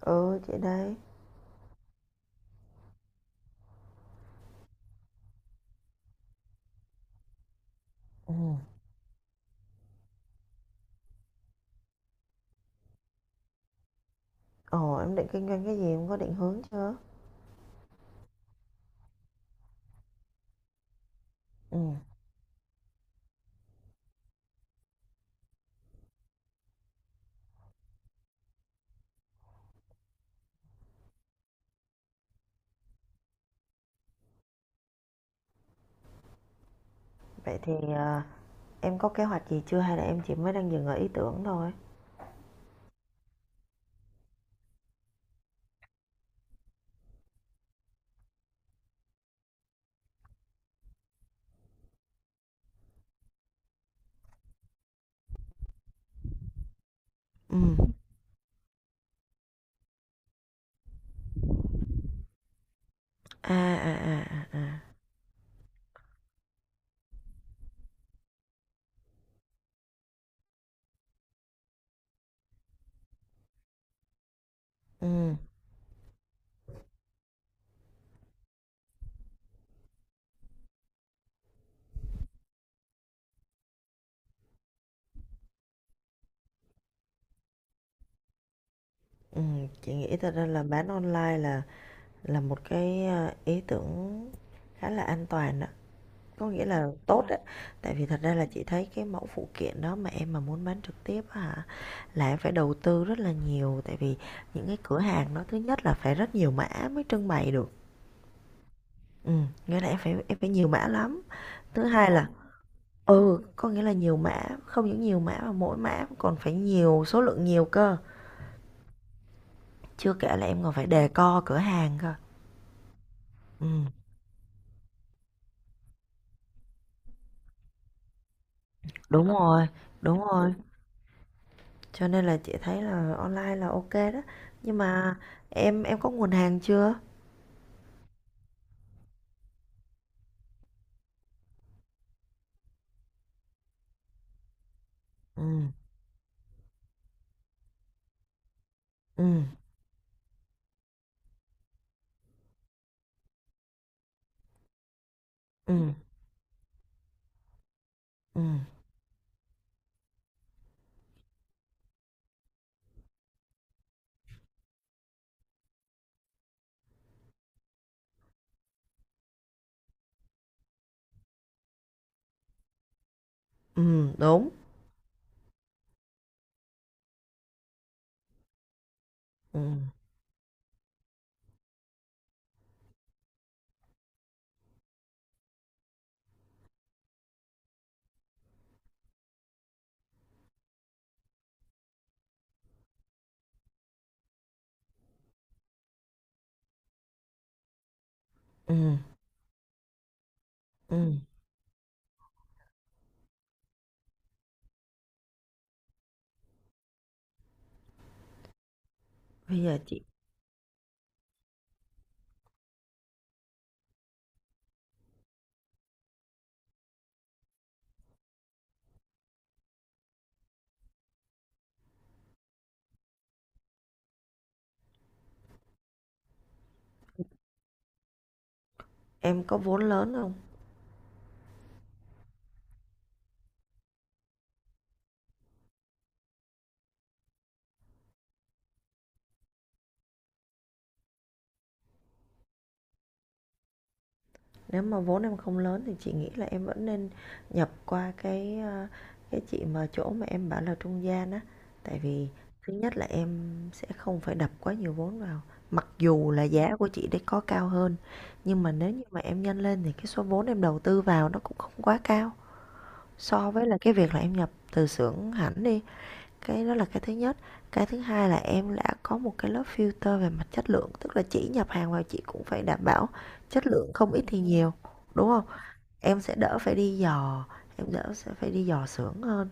Ừ, chị đây. Ừ, Ồ, em định kinh doanh cái gì, em có định hướng chưa? Ừ. Vậy thì em có kế hoạch gì chưa hay là em chỉ mới đang dừng ở ý tưởng thôi? Ừ. À à à à, à. Ừ. Ừ, chị nghĩ thật ra là bán online là một cái ý tưởng khá là an toàn đó. Có nghĩa là tốt đấy. Tại vì thật ra là chị thấy cái mẫu phụ kiện đó mà em mà muốn bán trực tiếp á hả là em phải đầu tư rất là nhiều, tại vì những cái cửa hàng đó thứ nhất là phải rất nhiều mã mới trưng bày được. Nghĩa là em phải nhiều mã lắm. Thứ hai là ừ, có nghĩa là nhiều mã, không những nhiều mã mà mỗi mã còn phải nhiều, số lượng nhiều cơ. Chưa kể là em còn phải đề co cửa hàng cơ. Ừm, đúng rồi, đúng rồi. Cho nên là chị thấy là online là ok đó. Nhưng mà em có nguồn hàng chưa? Ừm, ừm, ừm, ừm, đúng. Ừm, ừm, ừm. Bây giờ chị em có vốn lớn không? Nếu mà vốn em không lớn thì chị nghĩ là em vẫn nên nhập qua cái chị mà chỗ mà em bảo là trung gian á. Tại vì thứ nhất là em sẽ không phải đập quá nhiều vốn vào. Mặc dù là giá của chị đấy có cao hơn, nhưng mà nếu như mà em nhân lên thì cái số vốn em đầu tư vào nó cũng không quá cao so với là cái việc là em nhập từ xưởng hẳn đi. Cái đó là cái thứ nhất. Cái thứ hai là em đã có một cái lớp filter về mặt chất lượng, tức là chỉ nhập hàng vào chị cũng phải đảm bảo chất lượng không ít thì nhiều, đúng không? Em sẽ đỡ phải đi dò, em đỡ sẽ phải đi dò xưởng hơn.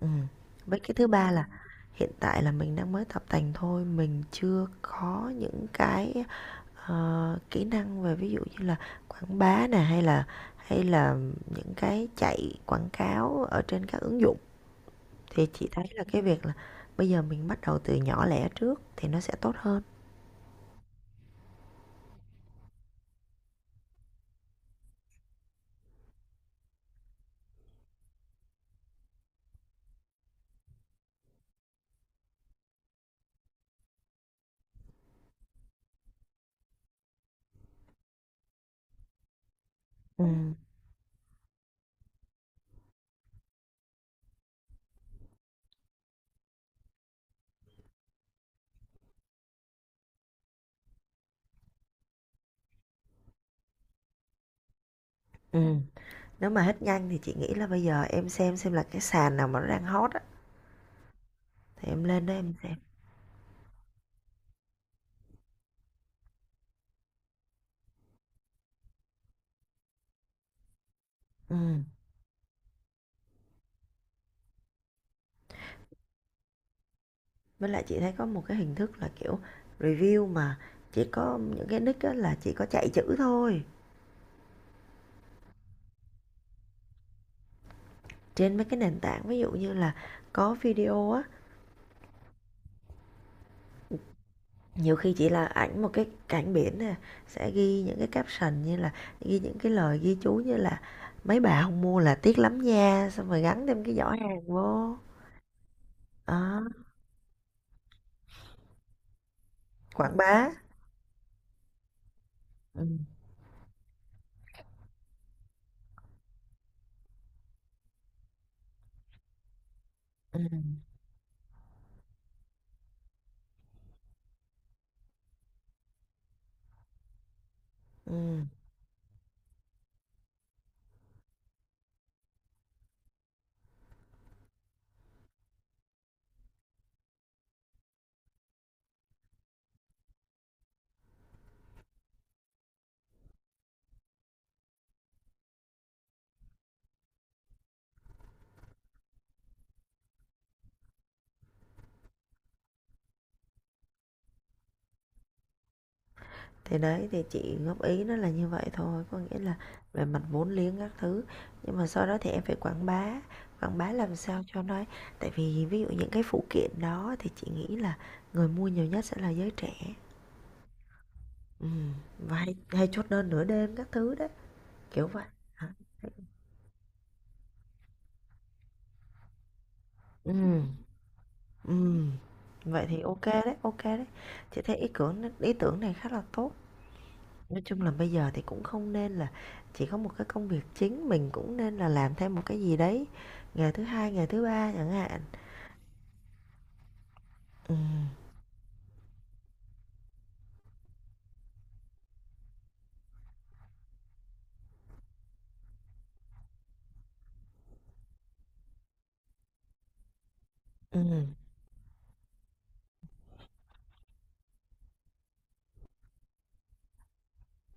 Ừm. Với cái thứ ba là hiện tại là mình đang mới tập tành thôi, mình chưa có những kỹ năng về ví dụ như là quảng bá nè, hay là những cái chạy quảng cáo ở trên các ứng dụng. Thì chị thấy là cái việc là bây giờ mình bắt đầu từ nhỏ lẻ trước thì nó sẽ tốt hơn. Ừm, ừm. Nếu mà hết nhanh thì chị nghĩ là bây giờ em xem là cái sàn nào mà nó đang hot á thì em lên đó em xem. Ừm. Với lại chị thấy có một cái hình thức là kiểu review mà chỉ có những cái nick á là chỉ có chạy chữ thôi, trên mấy cái nền tảng ví dụ như là có video á, nhiều khi chỉ là ảnh một cái cảnh biển nè, sẽ ghi những cái caption như là ghi những cái lời ghi chú như là mấy bà không mua là tiếc lắm nha, xong rồi gắn thêm cái giỏ hàng vô. Đó, quảng bá, ừ. Ừ. Ừ. Thì đấy, thì chị góp ý nó là như vậy thôi, có nghĩa là về mặt vốn liếng các thứ, nhưng mà sau đó thì em phải quảng bá làm sao cho nó, tại vì ví dụ những cái phụ kiện đó thì chị nghĩ là người mua nhiều nhất sẽ là giới trẻ. Ừm, và hay hay chốt đơn nửa đêm các thứ đấy, kiểu vậy. Hả? Ừm, ừm. Vậy thì ok đấy, ok đấy. Chị thấy ý tưởng này khá là tốt. Nói chung là bây giờ thì cũng không nên là chỉ có một cái công việc chính, mình cũng nên là làm thêm một cái gì đấy, ngày thứ Hai, ngày thứ Ba chẳng hạn. Ừm, ừm,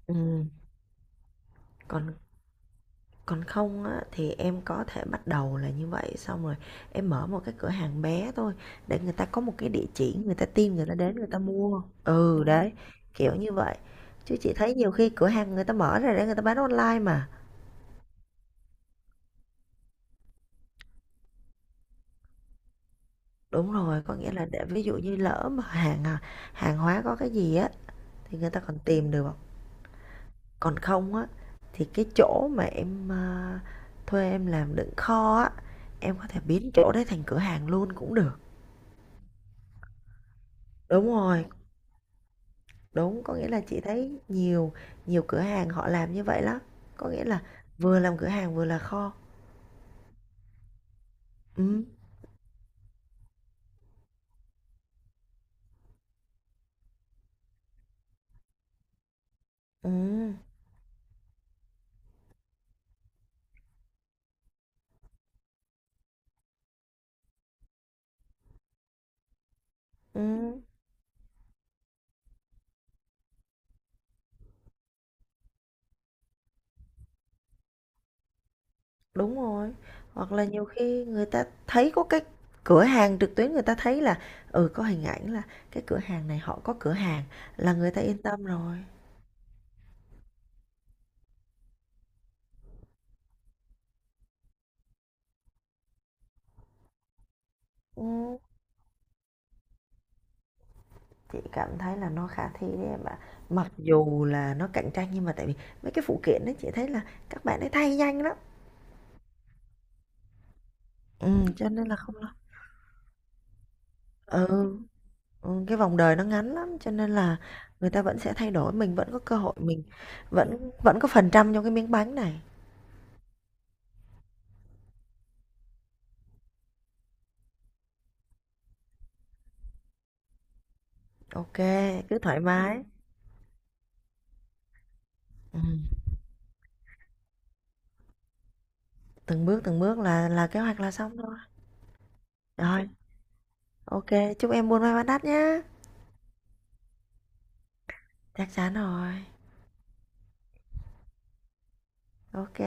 ừm. Còn còn không á thì em có thể bắt đầu là như vậy, xong rồi em mở một cái cửa hàng bé thôi, để người ta có một cái địa chỉ, người ta tin người ta đến người ta mua. Ừ, đấy, kiểu như vậy. Chứ chị thấy nhiều khi cửa hàng người ta mở ra để người ta bán online mà. Đúng rồi, có nghĩa là để ví dụ như lỡ mà hàng hàng hóa có cái gì á thì người ta còn tìm được, còn không á thì cái chỗ mà thuê em làm đựng kho á, em có thể biến chỗ đấy thành cửa hàng luôn cũng được. Đúng rồi, đúng có nghĩa là chị thấy nhiều nhiều cửa hàng họ làm như vậy lắm, có nghĩa là vừa làm cửa hàng vừa là kho. Ừ, ừ, ừ, đúng rồi. Hoặc là nhiều khi người ta thấy có cái cửa hàng trực tuyến, người ta thấy là ừ có hình ảnh là cái cửa hàng này họ có cửa hàng là người ta yên tâm rồi. Ừ, chị cảm thấy là nó khả thi đấy em ạ. Mặc dù là nó cạnh tranh nhưng mà tại vì mấy cái phụ kiện đó chị thấy là các bạn ấy thay nhanh lắm. Ừ, cho nên là không lo. Ừ, ừ, cái vòng đời nó ngắn lắm cho nên là người ta vẫn sẽ thay đổi, mình vẫn có cơ hội, mình vẫn vẫn có phần trăm trong cái miếng bánh này. Ok, cứ thoải mái. Ừ, từng bước là kế hoạch là xong thôi. Rồi, ok, chúc em buôn may bán đắt nhá. Chắc chắn rồi. Ok.